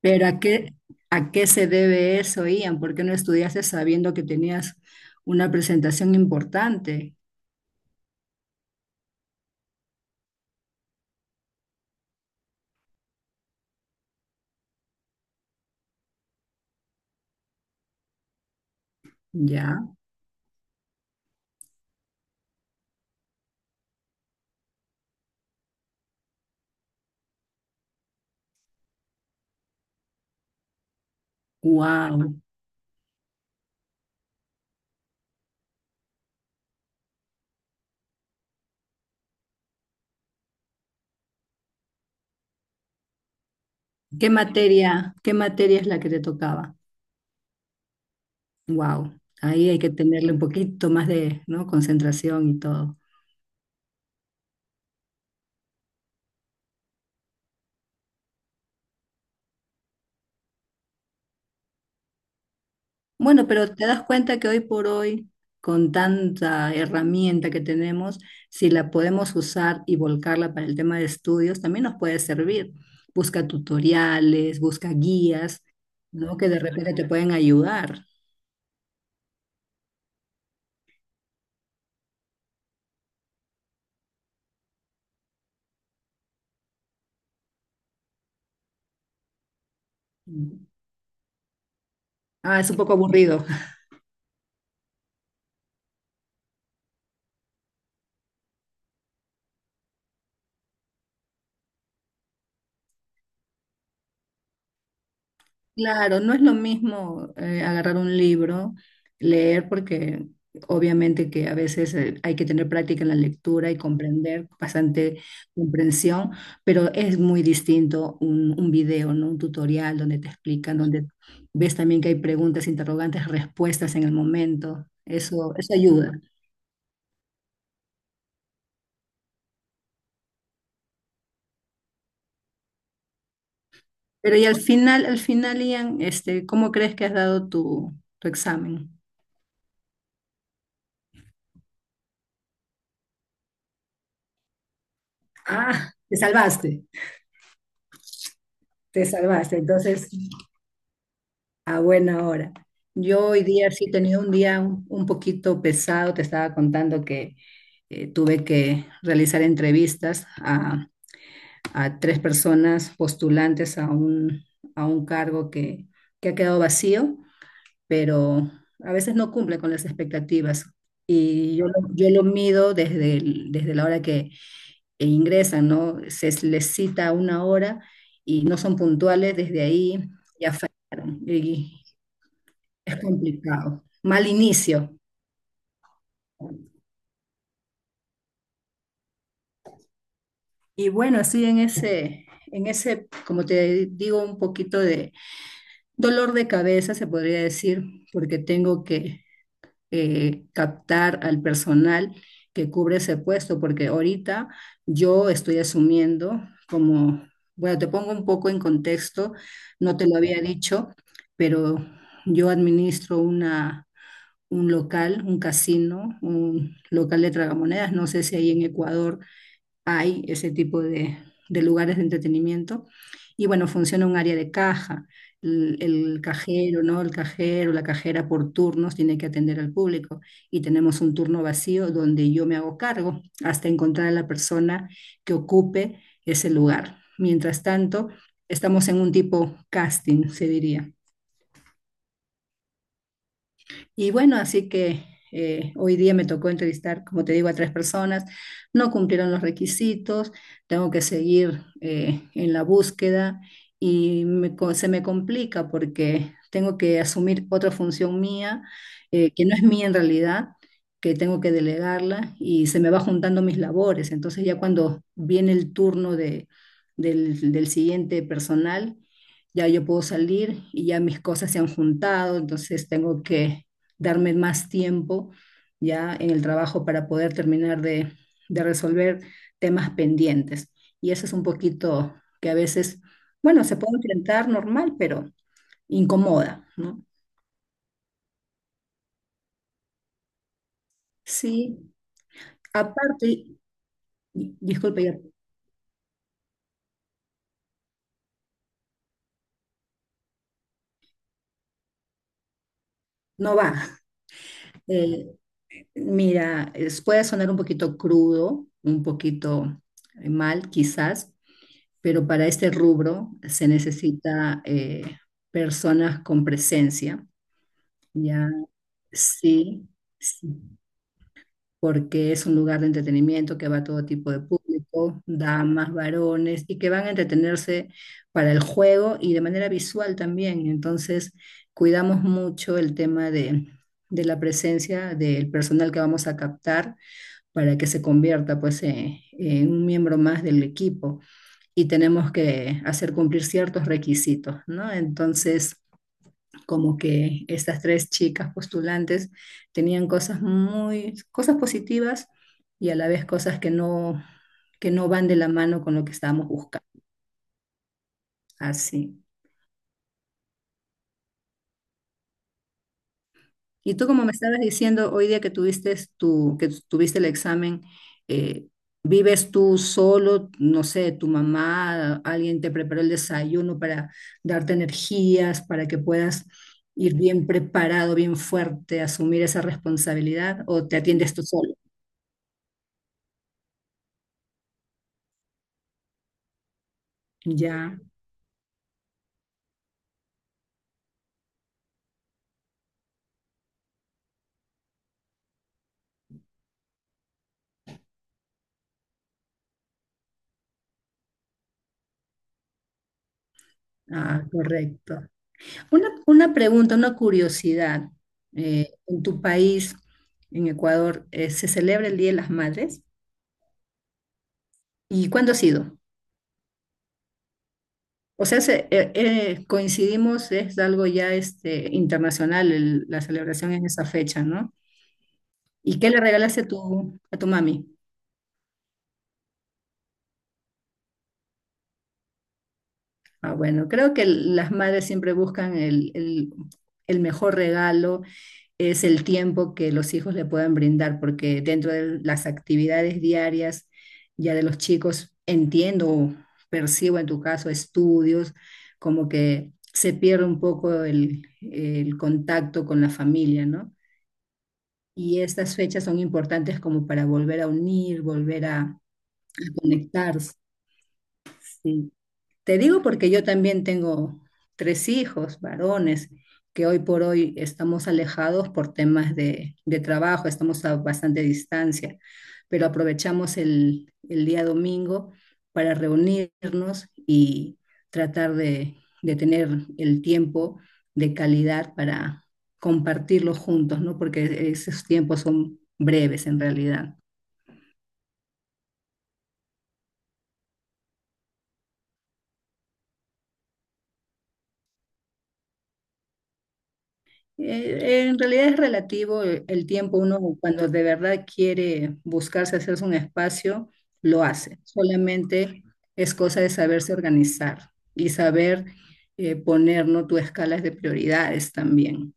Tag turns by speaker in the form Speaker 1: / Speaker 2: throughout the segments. Speaker 1: Pero ¿a qué se debe eso, Ian? ¿Por qué no estudiaste sabiendo que tenías una presentación importante? Ya, wow. ¿Qué materia es la que te tocaba? Wow. Ahí hay que tenerle un poquito más de, ¿no? Concentración y todo. Bueno, pero te das cuenta que hoy por hoy, con tanta herramienta que tenemos, si la podemos usar y volcarla para el tema de estudios, también nos puede servir. Busca tutoriales, busca guías, ¿no? Que de repente te pueden ayudar. Ah, es un poco aburrido. Claro, no es lo mismo agarrar un libro, leer, porque obviamente que a veces hay que tener práctica en la lectura y comprender, bastante comprensión, pero es muy distinto un video, ¿no? Un tutorial donde te explican, donde ves también que hay preguntas, interrogantes, respuestas en el momento. Eso ayuda. Pero y al final, Ian, este, ¿cómo crees que has dado tu examen? Ah, te salvaste, te salvaste. Entonces... A buena hora. Yo hoy día sí he tenido un día un poquito pesado. Te estaba contando que tuve que realizar entrevistas a tres personas postulantes a un cargo que ha quedado vacío, pero a veces no cumple con las expectativas. Y yo, yo lo mido desde, desde la hora que ingresan, ¿no? Se les cita una hora y no son puntuales, desde ahí ya fallaron. Y, es complicado. Mal inicio. Y bueno, así en ese, como te digo, un poquito de dolor de cabeza, se podría decir, porque tengo que captar al personal que cubre ese puesto, porque ahorita yo estoy asumiendo como, bueno, te pongo un poco en contexto, no te lo había dicho, pero yo administro un local, un casino, un local de tragamonedas, no sé si ahí en Ecuador hay ese tipo de lugares de entretenimiento. Y bueno, funciona un área de caja. El cajero, ¿no? El cajero, la cajera por turnos tiene que atender al público y tenemos un turno vacío donde yo me hago cargo hasta encontrar a la persona que ocupe ese lugar. Mientras tanto, estamos en un tipo casting, se diría. Y bueno, así que hoy día me tocó entrevistar, como te digo, a tres personas. No cumplieron los requisitos, tengo que seguir en la búsqueda y se me complica porque tengo que asumir otra función mía, que no es mía en realidad, que tengo que delegarla y se me va juntando mis labores. Entonces ya cuando viene el turno de, del siguiente personal, ya yo puedo salir y ya mis cosas se han juntado, entonces tengo que darme más tiempo ya en el trabajo para poder terminar de resolver temas pendientes. Y eso es un poquito que a veces, bueno, se puede enfrentar normal, pero incomoda, ¿no? Sí, aparte, disculpe, ya no va. Eh, mira, puede sonar un poquito crudo, un poquito mal quizás, pero para este rubro se necesita personas con presencia, ya. Sí, sí, porque es un lugar de entretenimiento que va todo tipo de público, damas, varones, y que van a entretenerse para el juego y de manera visual también. Entonces, cuidamos mucho el tema de la presencia del personal que vamos a captar para que se convierta pues en, un miembro más del equipo y tenemos que hacer cumplir ciertos requisitos, ¿no? Entonces como que estas tres chicas postulantes tenían cosas muy, cosas positivas y a la vez cosas que no van de la mano con lo que estábamos buscando. Así. Y tú, como me estabas diciendo, hoy día que tuviste tu, que tuviste el examen, eh, ¿vives tú solo? No sé, tu mamá, alguien te preparó el desayuno para darte energías, para que puedas ir bien preparado, bien fuerte, asumir esa responsabilidad, o te atiendes tú solo. Ya. Ah, correcto. Una pregunta, una curiosidad. En tu país, en Ecuador, ¿se celebra el Día de las Madres? ¿Y cuándo ha sido? O sea, coincidimos, es algo ya este, internacional la celebración en esa fecha, ¿no? ¿Y qué le regalaste a tu mami? Ah, bueno, creo que las madres siempre buscan el mejor regalo, es el tiempo que los hijos le puedan brindar, porque dentro de las actividades diarias ya de los chicos, entiendo, percibo en tu caso estudios, como que se pierde un poco el contacto con la familia, ¿no? Y estas fechas son importantes como para volver a unir, volver a conectarse. Sí. Te digo porque yo también tengo tres hijos varones que hoy por hoy estamos alejados por temas de trabajo, estamos a bastante distancia, pero aprovechamos el día domingo para reunirnos y tratar de tener el tiempo de calidad para compartirlo juntos, ¿no? Porque esos tiempos son breves en realidad. En realidad es relativo el tiempo. Uno cuando de verdad quiere buscarse hacerse un espacio, lo hace. Solamente es cosa de saberse organizar y saber poner, ¿no? Tus escalas de prioridades también.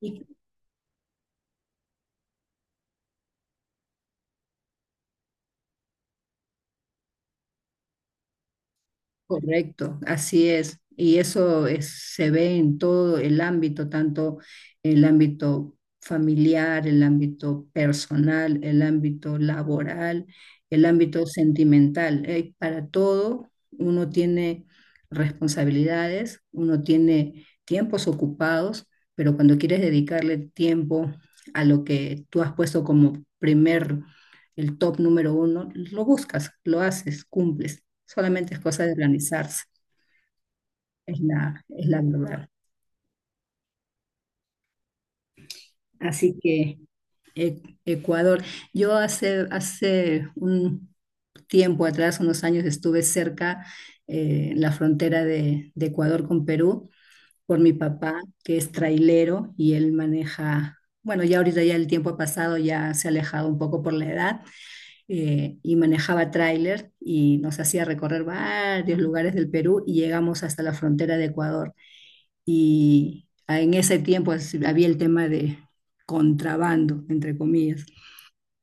Speaker 1: Y correcto, así es. Se ve en todo el ámbito, tanto el ámbito familiar, el ámbito personal, el ámbito laboral, el ámbito sentimental. Para todo uno tiene responsabilidades, uno tiene tiempos ocupados, pero cuando quieres dedicarle tiempo a lo que tú has puesto como primer, el top número uno, lo buscas, lo haces, cumples. Solamente es cosa de organizarse, es la verdad. Así que Ecuador, yo hace, hace un tiempo atrás, unos años, estuve cerca en la frontera de Ecuador con Perú por mi papá, que es trailero y él maneja, bueno, ya ahorita ya el tiempo ha pasado, ya se ha alejado un poco por la edad, y manejaba tráiler y nos hacía recorrer varios lugares del Perú y llegamos hasta la frontera de Ecuador. Y en ese tiempo había el tema de contrabando, entre comillas.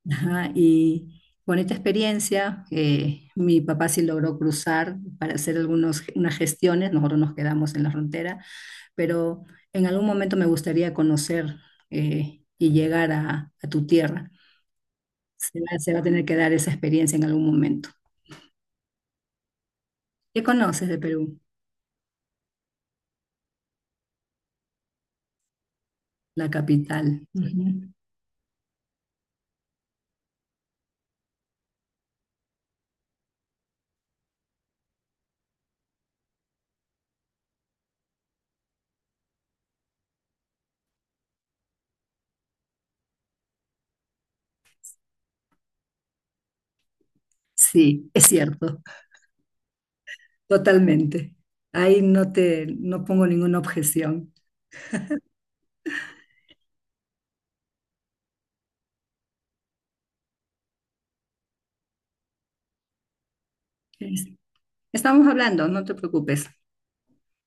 Speaker 1: Ajá, y bonita experiencia. Mi papá sí logró cruzar para hacer algunos unas gestiones, nosotros nos quedamos en la frontera, pero en algún momento me gustaría conocer y llegar a tu tierra. Se va a tener que dar esa experiencia en algún momento. ¿Qué conoces de Perú? La capital. Ujú. Sí, es cierto, totalmente. Ahí no te, no pongo ninguna objeción. Es- Estamos hablando, no te preocupes.